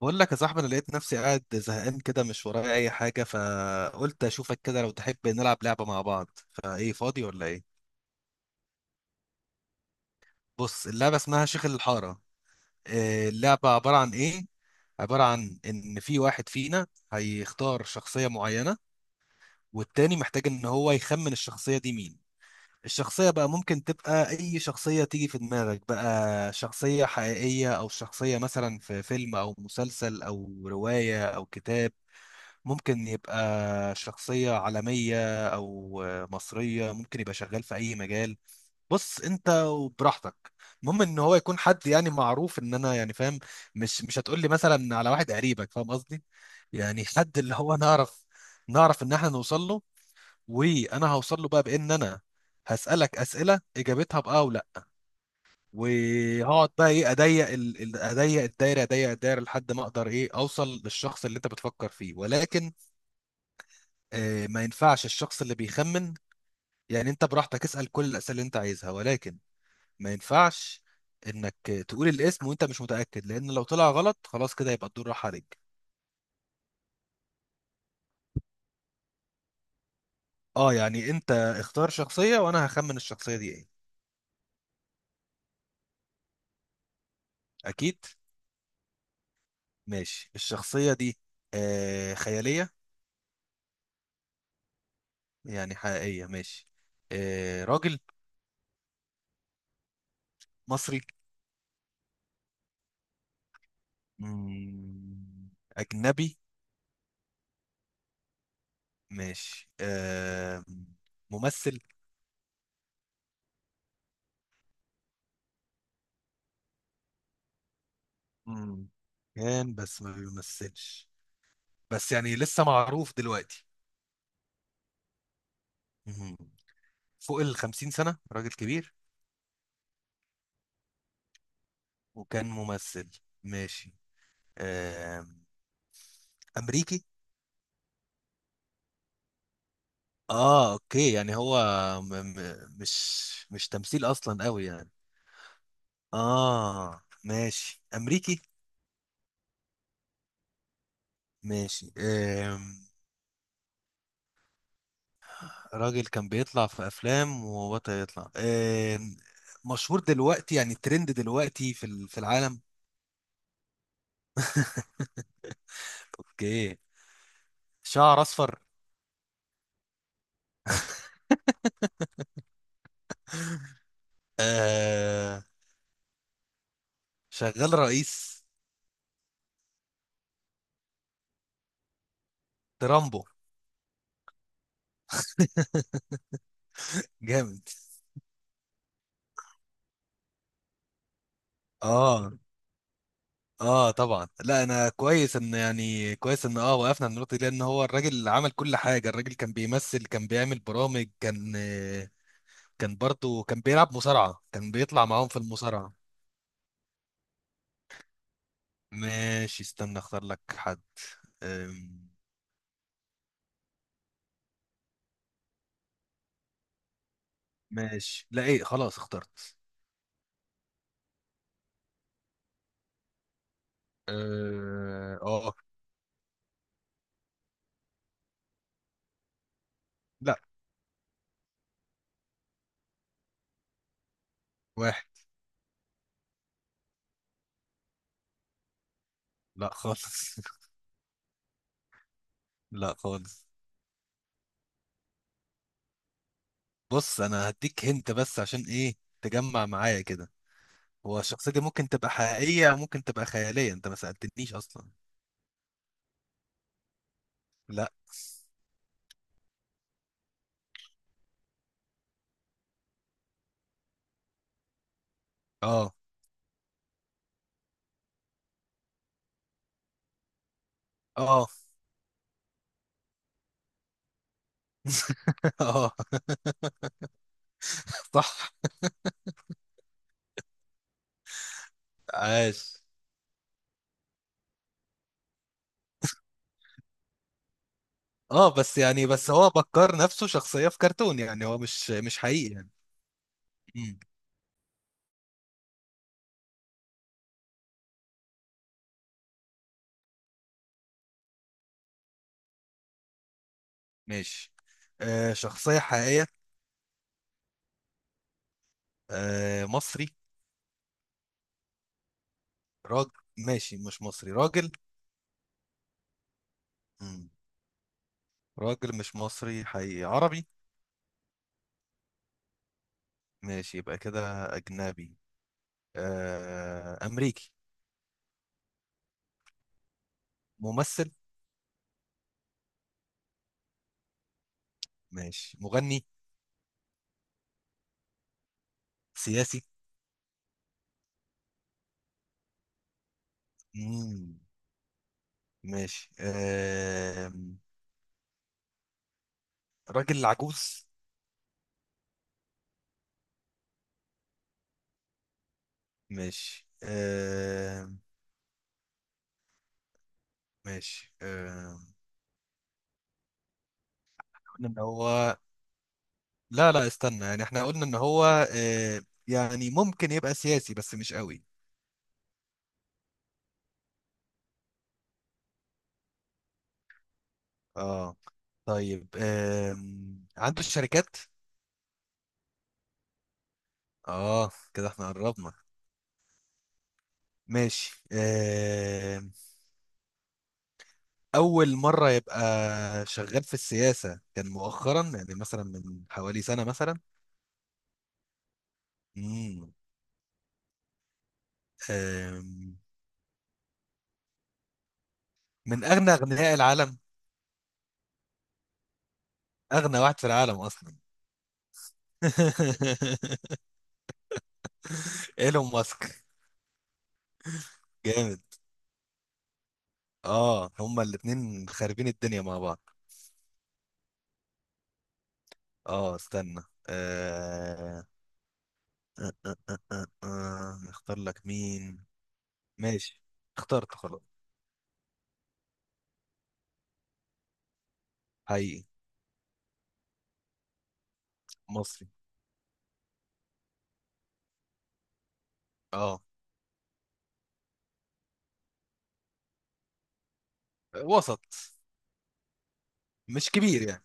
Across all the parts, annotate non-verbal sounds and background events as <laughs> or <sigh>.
بقول لك يا صاحبي، انا لقيت نفسي قاعد زهقان كده، مش ورايا اي حاجه، فقلت اشوفك كده. لو تحب نلعب لعبه مع بعض؟ فايه، فاضي ولا ايه؟ بص، اللعبه اسمها شيخ الحاره. إيه، اللعبه عباره عن ايه؟ عباره عن ان في واحد فينا هيختار شخصيه معينه، والتاني محتاج ان هو يخمن الشخصيه دي مين. الشخصيه بقى ممكن تبقى اي شخصيه تيجي في دماغك بقى، شخصيه حقيقيه او شخصيه مثلا في فيلم او مسلسل او روايه او كتاب. ممكن يبقى شخصية عالمية أو مصرية، ممكن يبقى شغال في أي مجال. بص أنت وبراحتك، المهم إن هو يكون حد يعني معروف، إن أنا يعني فاهم. مش هتقول لي مثلا على واحد قريبك، فاهم قصدي؟ يعني حد اللي هو نعرف، نعرف إن إحنا نوصل له. وأنا هوصل له بقى بإن أنا هسألك أسئلة إجابتها بأه ولا، وهقعد بقى ايه، اضيق اضيق الدايره، اضيق الدايره لحد ما اقدر ايه اوصل للشخص اللي انت بتفكر فيه. ولكن آه، ما ينفعش الشخص اللي بيخمن، يعني انت براحتك اسأل كل الأسئلة اللي انت عايزها، ولكن ما ينفعش انك تقول الاسم وانت مش متأكد، لأن لو طلع غلط خلاص كده يبقى الدور راح عليك. اه، يعني انت اختار شخصية وانا هخمن الشخصية دي ايه. اكيد. ماشي، الشخصية دي آه خيالية؟ يعني حقيقية، ماشي. آه، راجل؟ مصري؟ مم، أجنبي؟ ماشي آه. ممثل؟ مم، كان بس ما بيمثلش. بس يعني لسه معروف دلوقتي؟ مهم. فوق ال 50 سنة؟ راجل كبير وكان ممثل. ماشي آم، أمريكي؟ اه اوكي. يعني هو م م مش مش تمثيل اصلا قوي يعني. اه ماشي، أمريكي. ماشي راجل كان بيطلع في افلام وبطل يطلع، مشهور دلوقتي، يعني ترند دلوقتي في في العالم. اوكي، شعر اصفر. آه، شغال رئيس. ترامبو؟ جامد. اه، اه طبعا. لا، انا كويس ان كويس ان اه وقفنا عند النقطه دي، لان هو الراجل عمل كل حاجه. الراجل كان بيمثل، كان بيعمل برامج، كان كان برضه كان بيلعب مصارعه، كان بيطلع معاهم في المصارعه. ماشي استنى اختار لك حد. أم، ماشي، لا ايه، خلاص اخترت. اه. لا. واحد. لا خالص. <laughs> لا خالص. بص انا هديك هنت بس عشان ايه، تجمع معايا كده. هو الشخصية دي ممكن تبقى حقيقية ممكن تبقى خيالية، انت ما سألتنيش اصلا. لا. اه. اه. <laughs> اه. صح. عاش. اه بس يعني، بس هو بكر نفسه شخصية في كرتون، يعني هو مش حقيقي يعني. امم. ماشي، آه شخصية حقيقية. آه مصري؟ راجل؟ ماشي، مش مصري، راجل. امم. راجل مش مصري حقيقي، عربي؟ ماشي، يبقى كده أجنبي. آه أمريكي؟ ممثل؟ ماشي، مغني؟ سياسي؟ مم. ماشي راجل عجوز؟ ماشي ماشي قلنا ان هو، لا استنى، يعني احنا قلنا ان هو آه، يعني ممكن يبقى سياسي بس مش قوي. اه. طيب عنده شركات؟ اه كده احنا قربنا. ماشي اول مرة يبقى شغال في السياسة، كان مؤخرا يعني مثلا من حوالي سنة مثلا؟ مم. آم، من اغنى اغنياء العالم؟ اغنى واحد في العالم اصلا. <laughs> ايلون ماسك؟ جامد. اه هما الاتنين خاربين الدنيا مع بعض. اه استنى. آه... آه... نختار لك مين. ماشي، اخترت خلاص. حقيقي. مصري. اه. وسط، مش كبير يعني.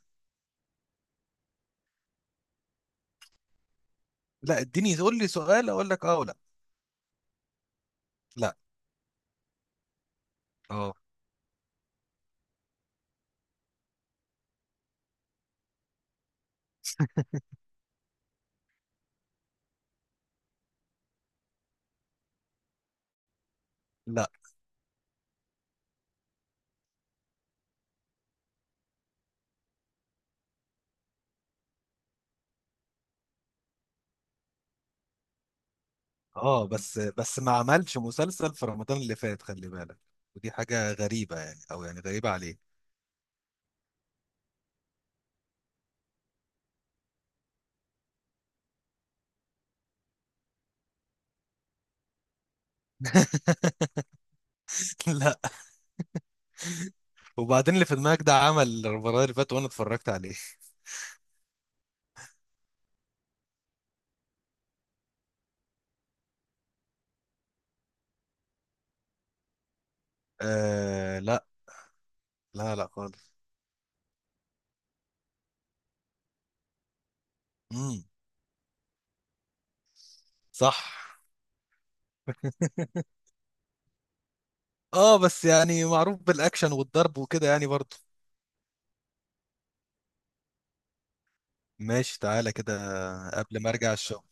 لا اديني قول لي سؤال اقول لك اه ولا لا. اه. لا. اه بس، بس ما عملش مسلسل في رمضان اللي فات، خلي بالك. ودي حاجة غريبة يعني، او يعني غريبة عليه. <laughs> لا. وبعدين اللي في دماغك ده عمل المره اللي فاتت وانا اتفرجت عليه. آه لا. لا خالص. امم. صح. <laughs> اه بس يعني معروف بالاكشن والضرب وكده يعني برضه. ماشي، تعالى كده، قبل ما ارجع الشغل.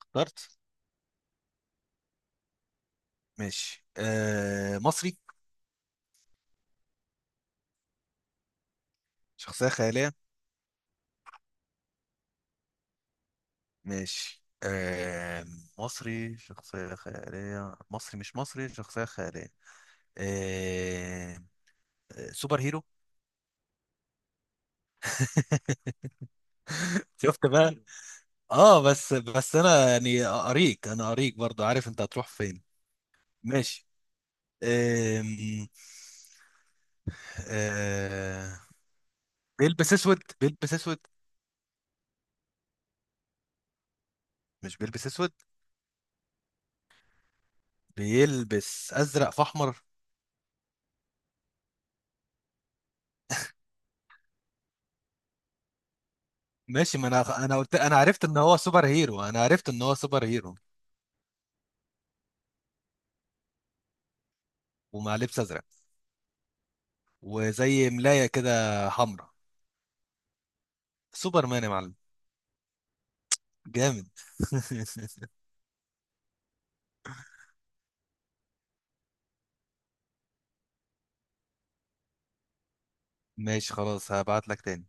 اخترت. ماشي آه، مصري؟ شخصية خيالية؟ ماشي آه، مصري؟ شخصية خيالية؟ مصري؟ مش مصري؟ شخصية خيالية؟ آه. آه، سوبر هيرو؟ <laughs> شفت بقى. اه بس، بس انا يعني اريك، انا اريك برضو عارف انت هتروح فين. ماشي. أم... أه... بيلبس اسود؟ بيلبس اسود؟ مش بيلبس اسود؟ بيلبس ازرق في احمر؟ ماشي، ما انا قلت انا عرفت ان هو سوبر هيرو، انا عرفت ان هو سوبر هيرو. ومع لبس ازرق، وزي ملاية كده حمراء. سوبر مان يا معلم. جامد. <laughs> ماشي خلاص، هبعت لك تاني.